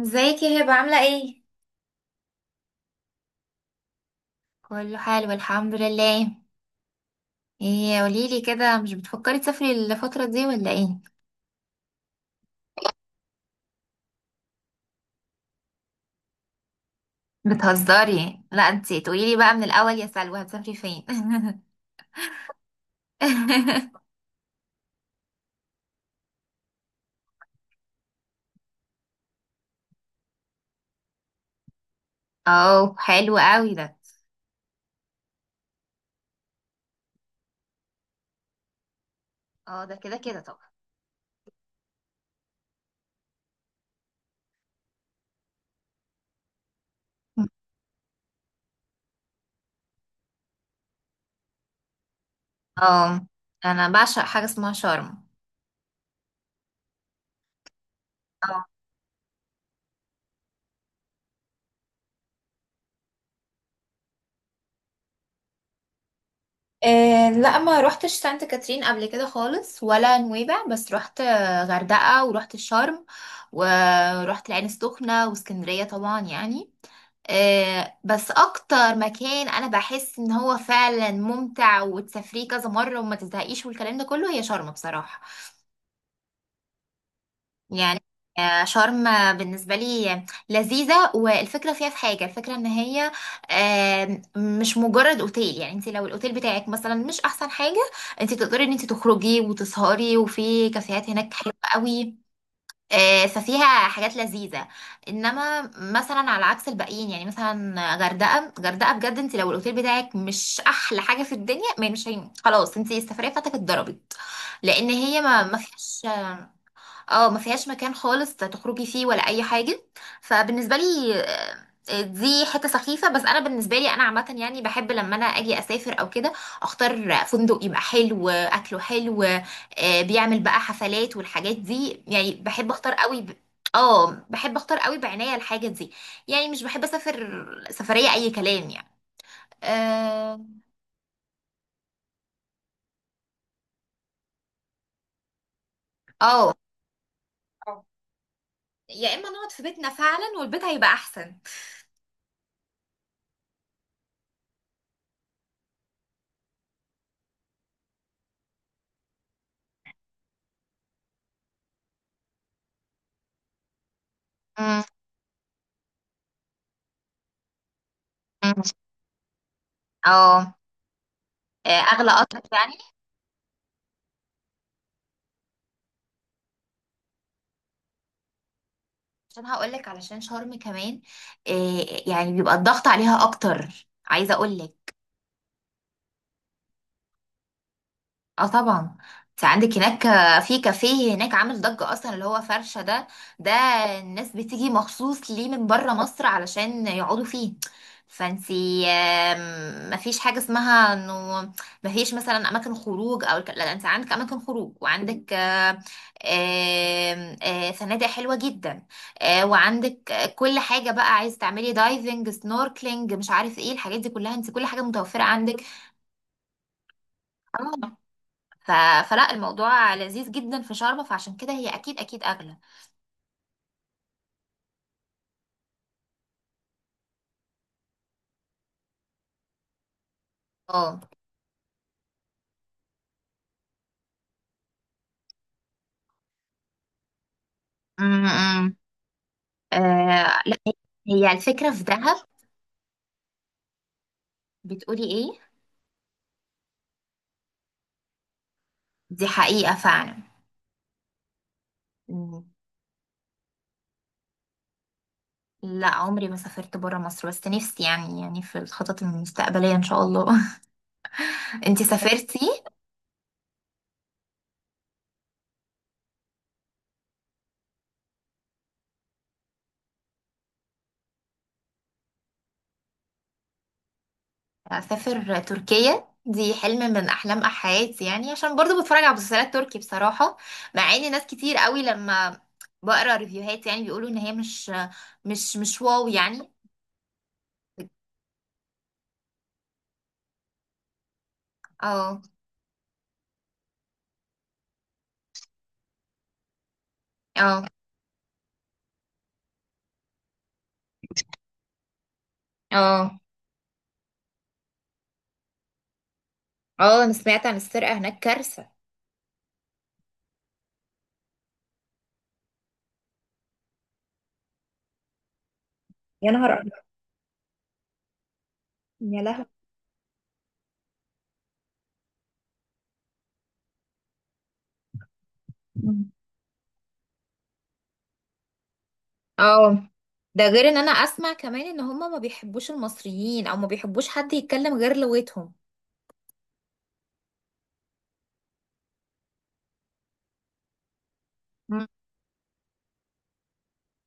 ازيك يا هبة عاملة ايه؟ كله حلو الحمد لله. ايه قوليلي كده، مش بتفكري تسافري الفترة دي ولا ايه؟ بتهزري؟ لا انتي تقوليلي بقى من الأول، يا سلوى هتسافري فين؟ اه، حلو قوي ده. اه، ده كده كده طبعا. اه، انا بعشق حاجة اسمها شرم. اه. إيه، لا ما روحتش سانت كاترين قبل كده خالص ولا نويبع، بس روحت غردقة وروحت الشرم. ورحت العين السخنة واسكندرية طبعا يعني. بس اكتر مكان انا بحس ان هو فعلا ممتع وتسافريه كذا مره وما تزهقيش والكلام ده كله هي شرم بصراحه. يعني شرم. بالنسبه لي لذيذه، والفكره فيها في حاجه، الفكره ان هي مش مجرد اوتيل. يعني انت لو الاوتيل بتاعك مثلا مش احسن حاجه، انت تقدري ان انت تخرجي وتسهري، وفي كافيهات هناك حلوه قوي. ففيها حاجات لذيذة. انما مثلا على عكس الباقيين، يعني مثلا غردقة غردقة بجد، انت لو الاوتيل بتاعك مش احلى حاجة في الدنيا، ما مش خلاص انت السفرية بتاعتك اتضربت. لان هي ما فيهاش. اه، ما فيهاش مكان خالص تخرجي فيه ولا اي حاجه. فبالنسبه لي دي حته سخيفه، بس انا بالنسبه لي انا عامه يعني بحب لما انا اجي اسافر او كده اختار فندق يبقى حلو، اكله حلو، بيعمل بقى حفلات والحاجات دي. يعني بحب اختار قوي اه، بحب اختار قوي بعناية الحاجه دي. يعني مش بحب اسافر سفريه اي كلام يعني. اه. آه. اه، يا اما نقعد في بيتنا فعلا والبيت هيبقى احسن. مم. اه. اغلى قطر يعني. عشان هقولك، علشان شرم كمان إيه، يعني بيبقى الضغط عليها اكتر، عايزه اقولك. اه طبعا. انت عندك هناك في كافيه هناك عامل ضجة اصلا، اللي هو فرشة ده. ده الناس بتيجي مخصوص ليه من بره مصر علشان يقعدوا فيه. فانتي مفيش حاجة اسمها انه مفيش مثلا اماكن خروج او لا، انت عندك اماكن خروج وعندك آه، آم، آه، فنادق حلوة جدا. وعندك كل حاجة بقى، عايز تعملي دايفنج، سنوركلينج، مش عارف ايه الحاجات دي كلها، انت كل حاجة متوفرة عندك. اه. ف... فلا الموضوع لذيذ جدا في شرم، فعشان كده هي اكيد اكيد اغلى. اه. امم. آه لا، هي الفكرة في دهب. بتقولي ايه؟ دي حقيقة فعلا. مم. لا، عمري ما سافرت برا مصر، بس نفسي يعني في الخطط المستقبلية ان شاء الله. انتي سافرتي؟ اسافر تركيا، دي حلم من احلام حياتي يعني، عشان برضو بتفرج على مسلسلات تركي بصراحة. مع ان ناس كتير قوي لما بقرا ريفيوهات يعني بيقولوا ان هي مش واو يعني. اه، اه. اه، اه، انا سمعت عن السرقة هناك كارثة. يا نهار أبيض. يا لهوي. مم. اه، ده غير ان انا اسمع كمان ان هما ما بيحبوش المصريين، او ما بيحبوش حد يتكلم غير لغتهم. مم.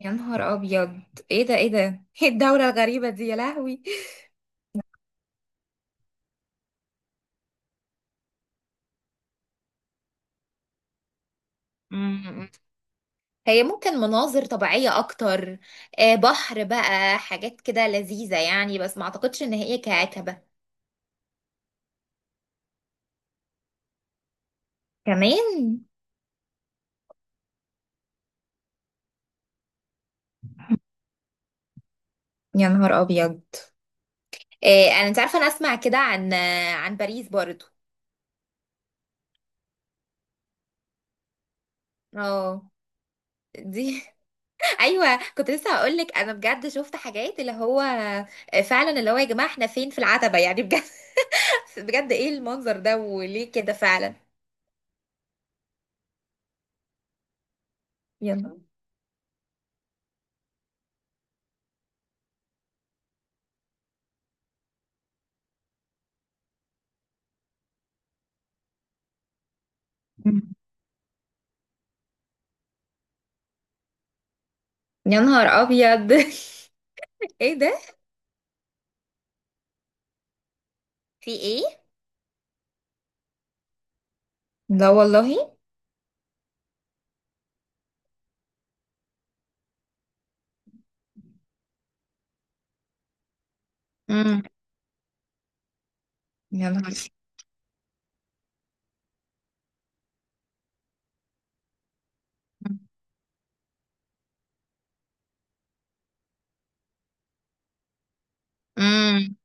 يا نهار ابيض. ايه ده، ايه ده، ايه الدولة الغريبة دي، يا لهوي. مم. هي ممكن مناظر طبيعية اكتر، بحر بقى، حاجات كده لذيذة يعني، بس ما اعتقدش ان هي كعكبة كمان. يا نهار ابيض. إيه انا، انت عارفه انا اسمع كده عن عن باريس برضو. اه، دي. ايوه، كنت لسه هقول لك انا بجد شفت حاجات اللي هو فعلا اللي هو يا جماعه احنا فين؟ في العتبه، يعني بجد. بجد، ايه المنظر ده، وليه كده فعلا. يلا. يا نهار ابيض. ايه ده. في ايه؟ لا والله. امم. يا نهار. امم.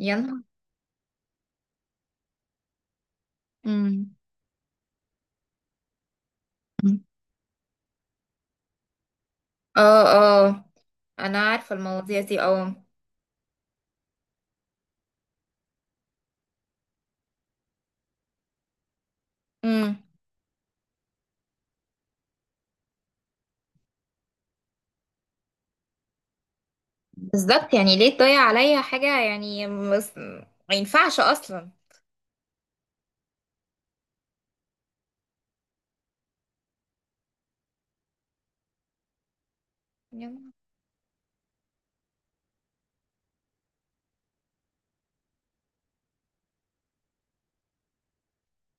يا نهار. امم. اه، اه، انا عارفه المواضيع دي. اه. امم. بالظبط، يعني ليه تضيع عليا حاجة يعني ما ينفعش أصلا. يعني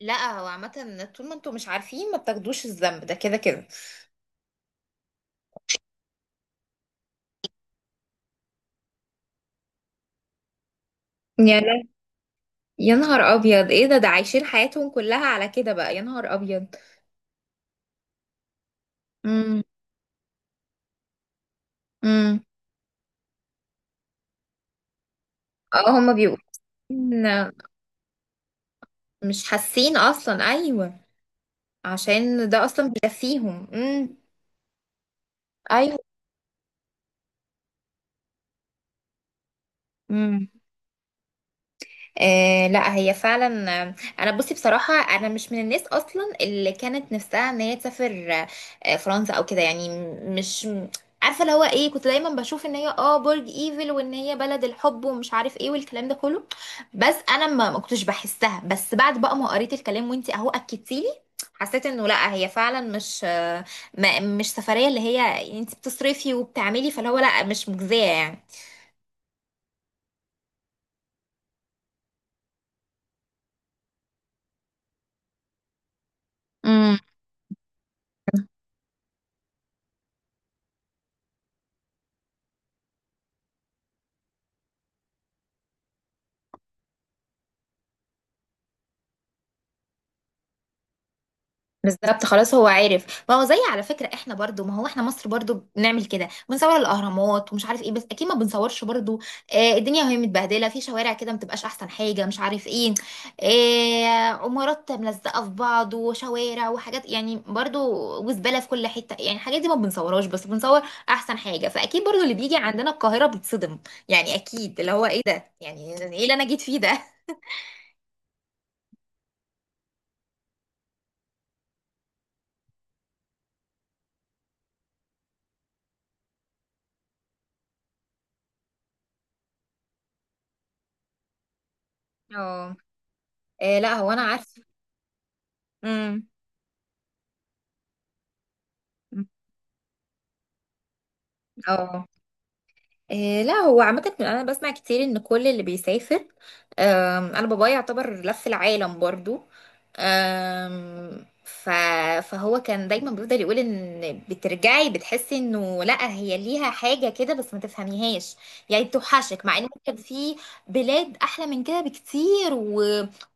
لا، هو عامة طول ما انتوا مش عارفين ما بتاخدوش الذنب، ده كده كده. يا لا- يا نهار أبيض، ايه ده، ده عايشين حياتهم كلها على كده بقى؟ يا نهار أبيض. امم. امم. اه، هما بيبقوا إن- مش حاسين أصلا. أيوه، عشان ده أصلا بيكفيهم. امم. أيوه. آه لا، هي فعلا انا بصي بصراحه انا مش من الناس اصلا اللي كانت نفسها ان هي تسافر فرنسا او كده يعني م- مش م- عارفه اللي هو ايه، كنت دايما بشوف ان هي برج ايفل وان هي بلد الحب ومش عارف ايه والكلام ده كله. بس انا ما كنتش بحسها، بس بعد بقى ما قريت الكلام وانتي اهو اكدتيلي حسيت انه لا، هي فعلا مش آه، ما مش سفريه اللي هي انتي بتصرفي وبتعملي، فاللي هو لا مش مجزيه يعني. امم. بالظبط. خلاص هو عارف، ما هو زي، على فكرة احنا برضو، ما هو احنا مصر برضو بنعمل كده، بنصور الاهرامات ومش عارف ايه، بس اكيد ما بنصورش برضو الدنيا وهي متبهدلة في شوارع كده ما بتبقاش احسن حاجة مش عارف ايه، عمارات ملزقة في بعض وشوارع وحاجات يعني برضو، وزبالة في كل حتة، يعني الحاجات دي ما بنصورهاش، بس بنصور احسن حاجة. فاكيد برضو اللي بيجي عندنا القاهرة بيتصدم، يعني اكيد اللي هو ايه ده، يعني ايه اللي انا جيت فيه ده. اه. آه لا، هو انا عارفة. امم. اه. إيه لا، هو عامة أنا بسمع كتير إن كل اللي بيسافر أنا بابايا يعتبر لف العالم برضو. آم، ف فهو كان دايما بيفضل يقول إن بترجعي بتحسي إنه لأ، هي ليها حاجة كده بس ما تفهميهاش. يعني بتوحشك، مع إن ممكن في بلاد أحلى من كده بكتير و...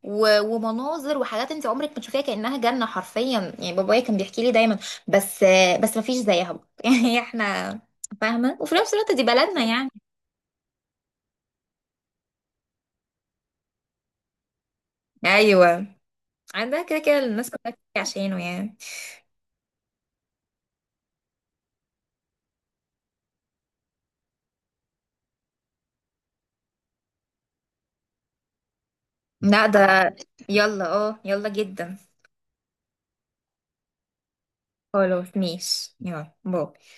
و... ومناظر وحاجات أنت عمرك ما تشوفيها، كأنها جنة حرفيا. يعني بابايا كان بيحكي لي دايما، بس بس ما فيش زيها. يعني إحنا فاهمة، وفي نفس الوقت دي بلدنا يعني. ايوه، عندها كده كده الناس كلها بتيجي عشانه يعني. لا ده، يلا اه يلا جدا. خلاص ماشي، يلا باي.